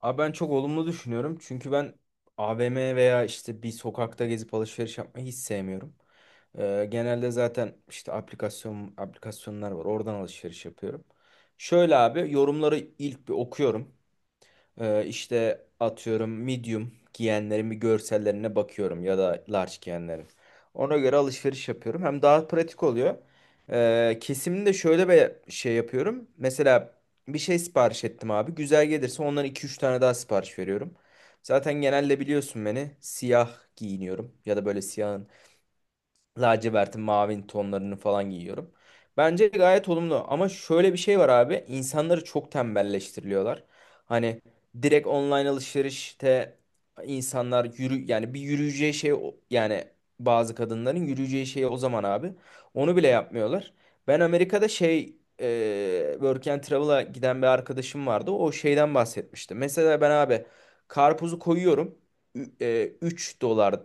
Abi ben çok olumlu düşünüyorum. Çünkü ben AVM veya işte bir sokakta gezip alışveriş yapmayı hiç sevmiyorum. Genelde zaten işte aplikasyonlar var. Oradan alışveriş yapıyorum. Şöyle abi, yorumları ilk bir okuyorum. İşte atıyorum medium giyenlerin bir görsellerine bakıyorum ya da large giyenlerin. Ona göre alışveriş yapıyorum. Hem daha pratik oluyor. Kesimde şöyle bir şey yapıyorum. Mesela bir şey sipariş ettim abi. Güzel gelirse ondan iki üç tane daha sipariş veriyorum. Zaten genelde biliyorsun, beni siyah giyiniyorum ya da böyle siyahın, lacivertin, mavin tonlarını falan giyiyorum. Bence gayet olumlu, ama şöyle bir şey var abi. İnsanları çok tembelleştiriliyorlar. Hani direkt online alışverişte insanlar yürü, yani bir yürüyeceği şey, yani bazı kadınların yürüyeceği şey o zaman abi. Onu bile yapmıyorlar. Ben Amerika'da Work and Travel'a giden bir arkadaşım vardı. O şeyden bahsetmişti. Mesela ben abi, karpuzu koyuyorum, 3 dolar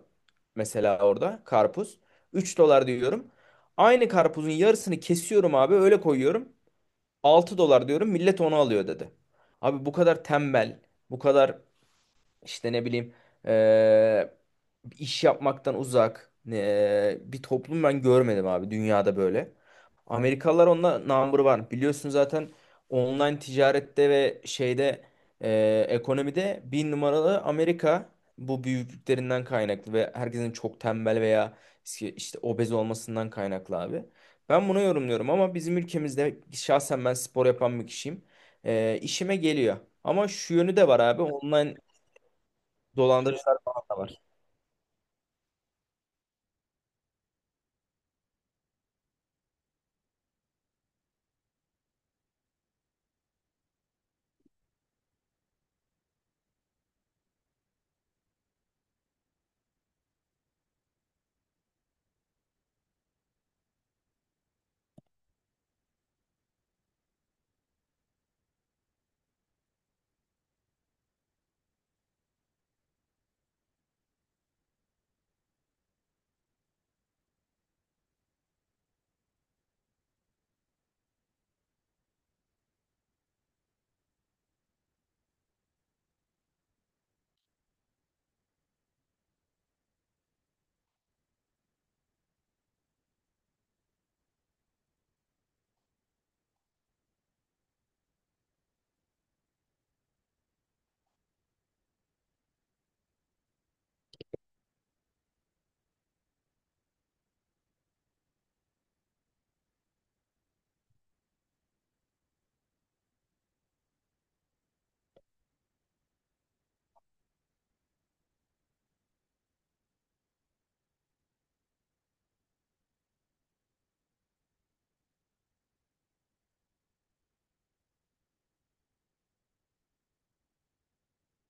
mesela orada karpuz. 3 dolar diyorum. Aynı karpuzun yarısını kesiyorum abi, öyle koyuyorum. 6 dolar diyorum, millet onu alıyor dedi. Abi bu kadar tembel, bu kadar işte ne bileyim, eee, İş yapmaktan uzak bir toplum ben görmedim abi dünyada böyle. Amerikalılar onda number var. Biliyorsun zaten, online ticarette ve şeyde, ekonomide bir numaralı Amerika. Bu büyüklüklerinden kaynaklı ve herkesin çok tembel veya işte obez olmasından kaynaklı abi. Ben bunu yorumluyorum, ama bizim ülkemizde şahsen ben spor yapan bir kişiyim. İşime geliyor. Ama şu yönü de var abi, online dolandırıcılar falan da var.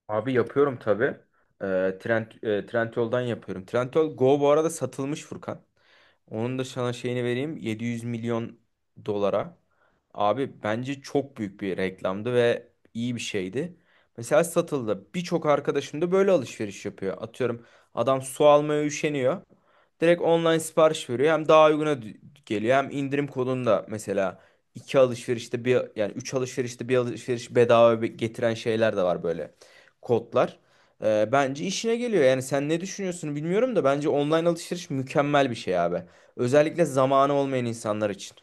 Abi yapıyorum tabii. Trendyol'dan yapıyorum. Trendyol Go bu arada satılmış Furkan. Onun da sana şeyini vereyim. 700 milyon dolara. Abi bence çok büyük bir reklamdı ve iyi bir şeydi. Mesela satıldı. Birçok arkadaşım da böyle alışveriş yapıyor. Atıyorum adam su almaya üşeniyor. Direkt online sipariş veriyor. Hem daha uyguna geliyor, hem indirim kodunda mesela iki alışverişte bir, yani üç alışverişte bir alışveriş bedava getiren şeyler de var böyle kodlar. Bence işine geliyor. Yani sen ne düşünüyorsun bilmiyorum da, bence online alışveriş mükemmel bir şey abi. Özellikle zamanı olmayan insanlar için.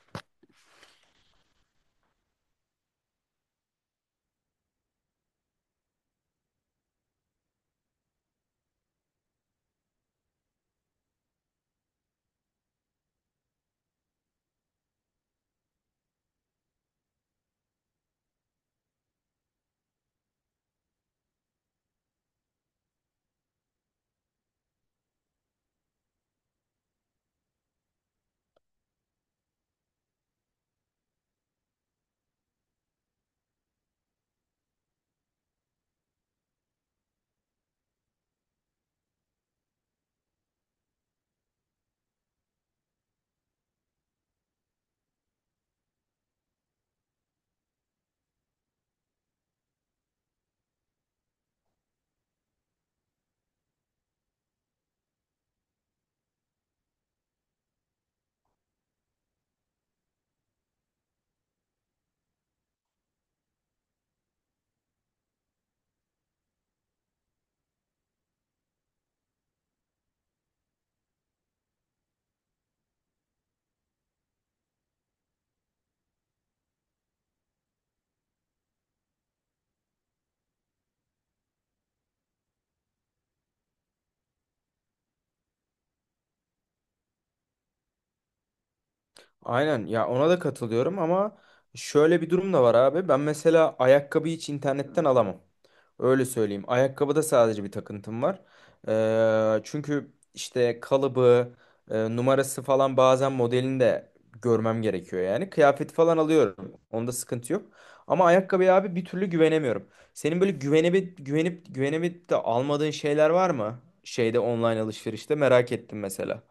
Aynen ya, ona da katılıyorum, ama şöyle bir durum da var abi. Ben mesela ayakkabıyı hiç internetten alamam. Öyle söyleyeyim. Ayakkabıda sadece bir takıntım var. Çünkü işte kalıbı, numarası falan, bazen modelini de görmem gerekiyor yani. Kıyafet falan alıyorum, onda sıkıntı yok. Ama ayakkabıya abi bir türlü güvenemiyorum. Senin böyle güvenip güvenip güvenip de almadığın şeyler var mı? Şeyde, online alışverişte merak ettim mesela.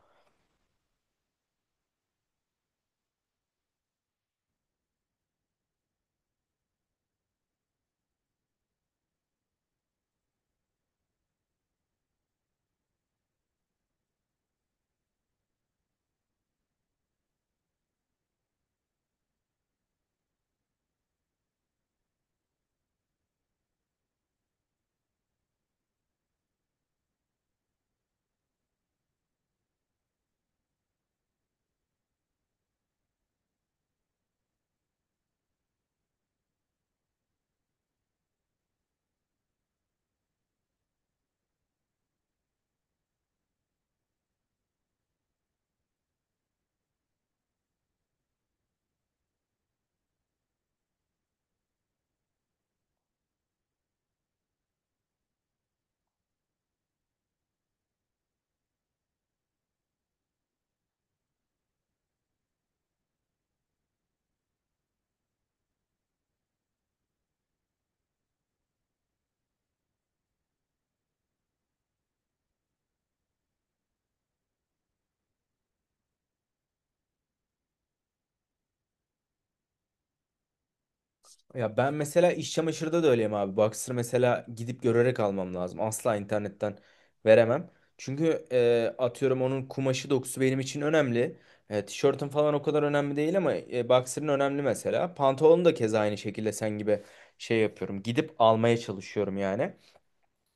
Ya ben mesela iş çamaşırda da öyleyim abi. Boxer mesela gidip görerek almam lazım. Asla internetten veremem. Çünkü atıyorum onun kumaşı, dokusu benim için önemli. Tişörtün falan o kadar önemli değil, ama boxer'ın önemli mesela. Pantolonu da keza aynı şekilde sen gibi şey yapıyorum. Gidip almaya çalışıyorum yani.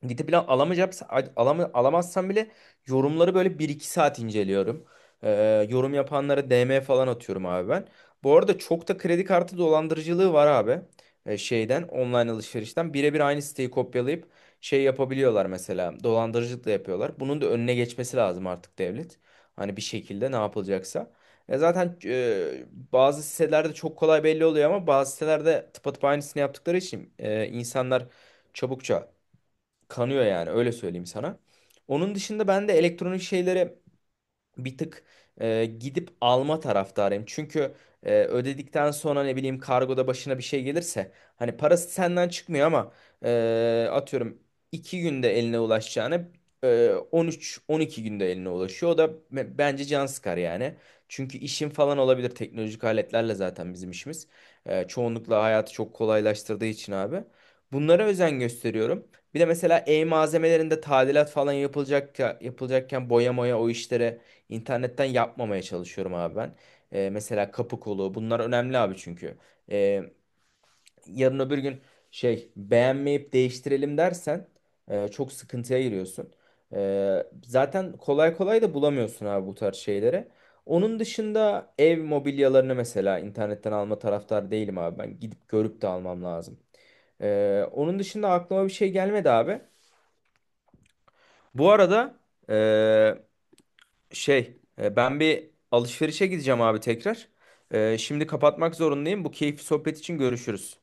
Gidip plan alamayacaksa, alamazsam bile, yorumları böyle bir iki saat inceliyorum. Yorum yapanlara DM falan atıyorum abi ben. Bu arada çok da kredi kartı dolandırıcılığı var abi. Şeyden, online alışverişten birebir aynı siteyi kopyalayıp şey yapabiliyorlar mesela, dolandırıcılık da yapıyorlar. Bunun da önüne geçmesi lazım artık devlet. Hani bir şekilde ne yapılacaksa. Zaten, bazı sitelerde çok kolay belli oluyor, ama bazı sitelerde tıpatıp aynısını yaptıkları için insanlar çabukça kanıyor, yani öyle söyleyeyim sana. Onun dışında ben de elektronik şeylere bir tık gidip alma taraftarıyım. Çünkü ödedikten sonra ne bileyim, kargoda başına bir şey gelirse, hani parası senden çıkmıyor, ama atıyorum 2 günde eline ulaşacağını 13-12 günde eline ulaşıyor. O da bence can sıkar yani. Çünkü işin falan olabilir, teknolojik aletlerle zaten bizim işimiz. Çoğunlukla hayatı çok kolaylaştırdığı için abi. Bunlara özen gösteriyorum. Bir de mesela ev malzemelerinde tadilat falan yapılacakken, boya moya o işlere, İnternetten yapmamaya çalışıyorum abi ben. Mesela kapı kolu, bunlar önemli abi çünkü. Ee, Yarın öbür gün şey, beğenmeyip değiştirelim dersen, çok sıkıntıya giriyorsun. Zaten kolay kolay da bulamıyorsun abi bu tarz şeyleri. Onun dışında ev mobilyalarını mesela internetten alma taraftar değilim abi ben. Gidip görüp de almam lazım. Onun dışında aklıma bir şey gelmedi abi. Bu arada, ben bir alışverişe gideceğim abi tekrar. Şimdi kapatmak zorundayım. Bu keyifli sohbet için görüşürüz.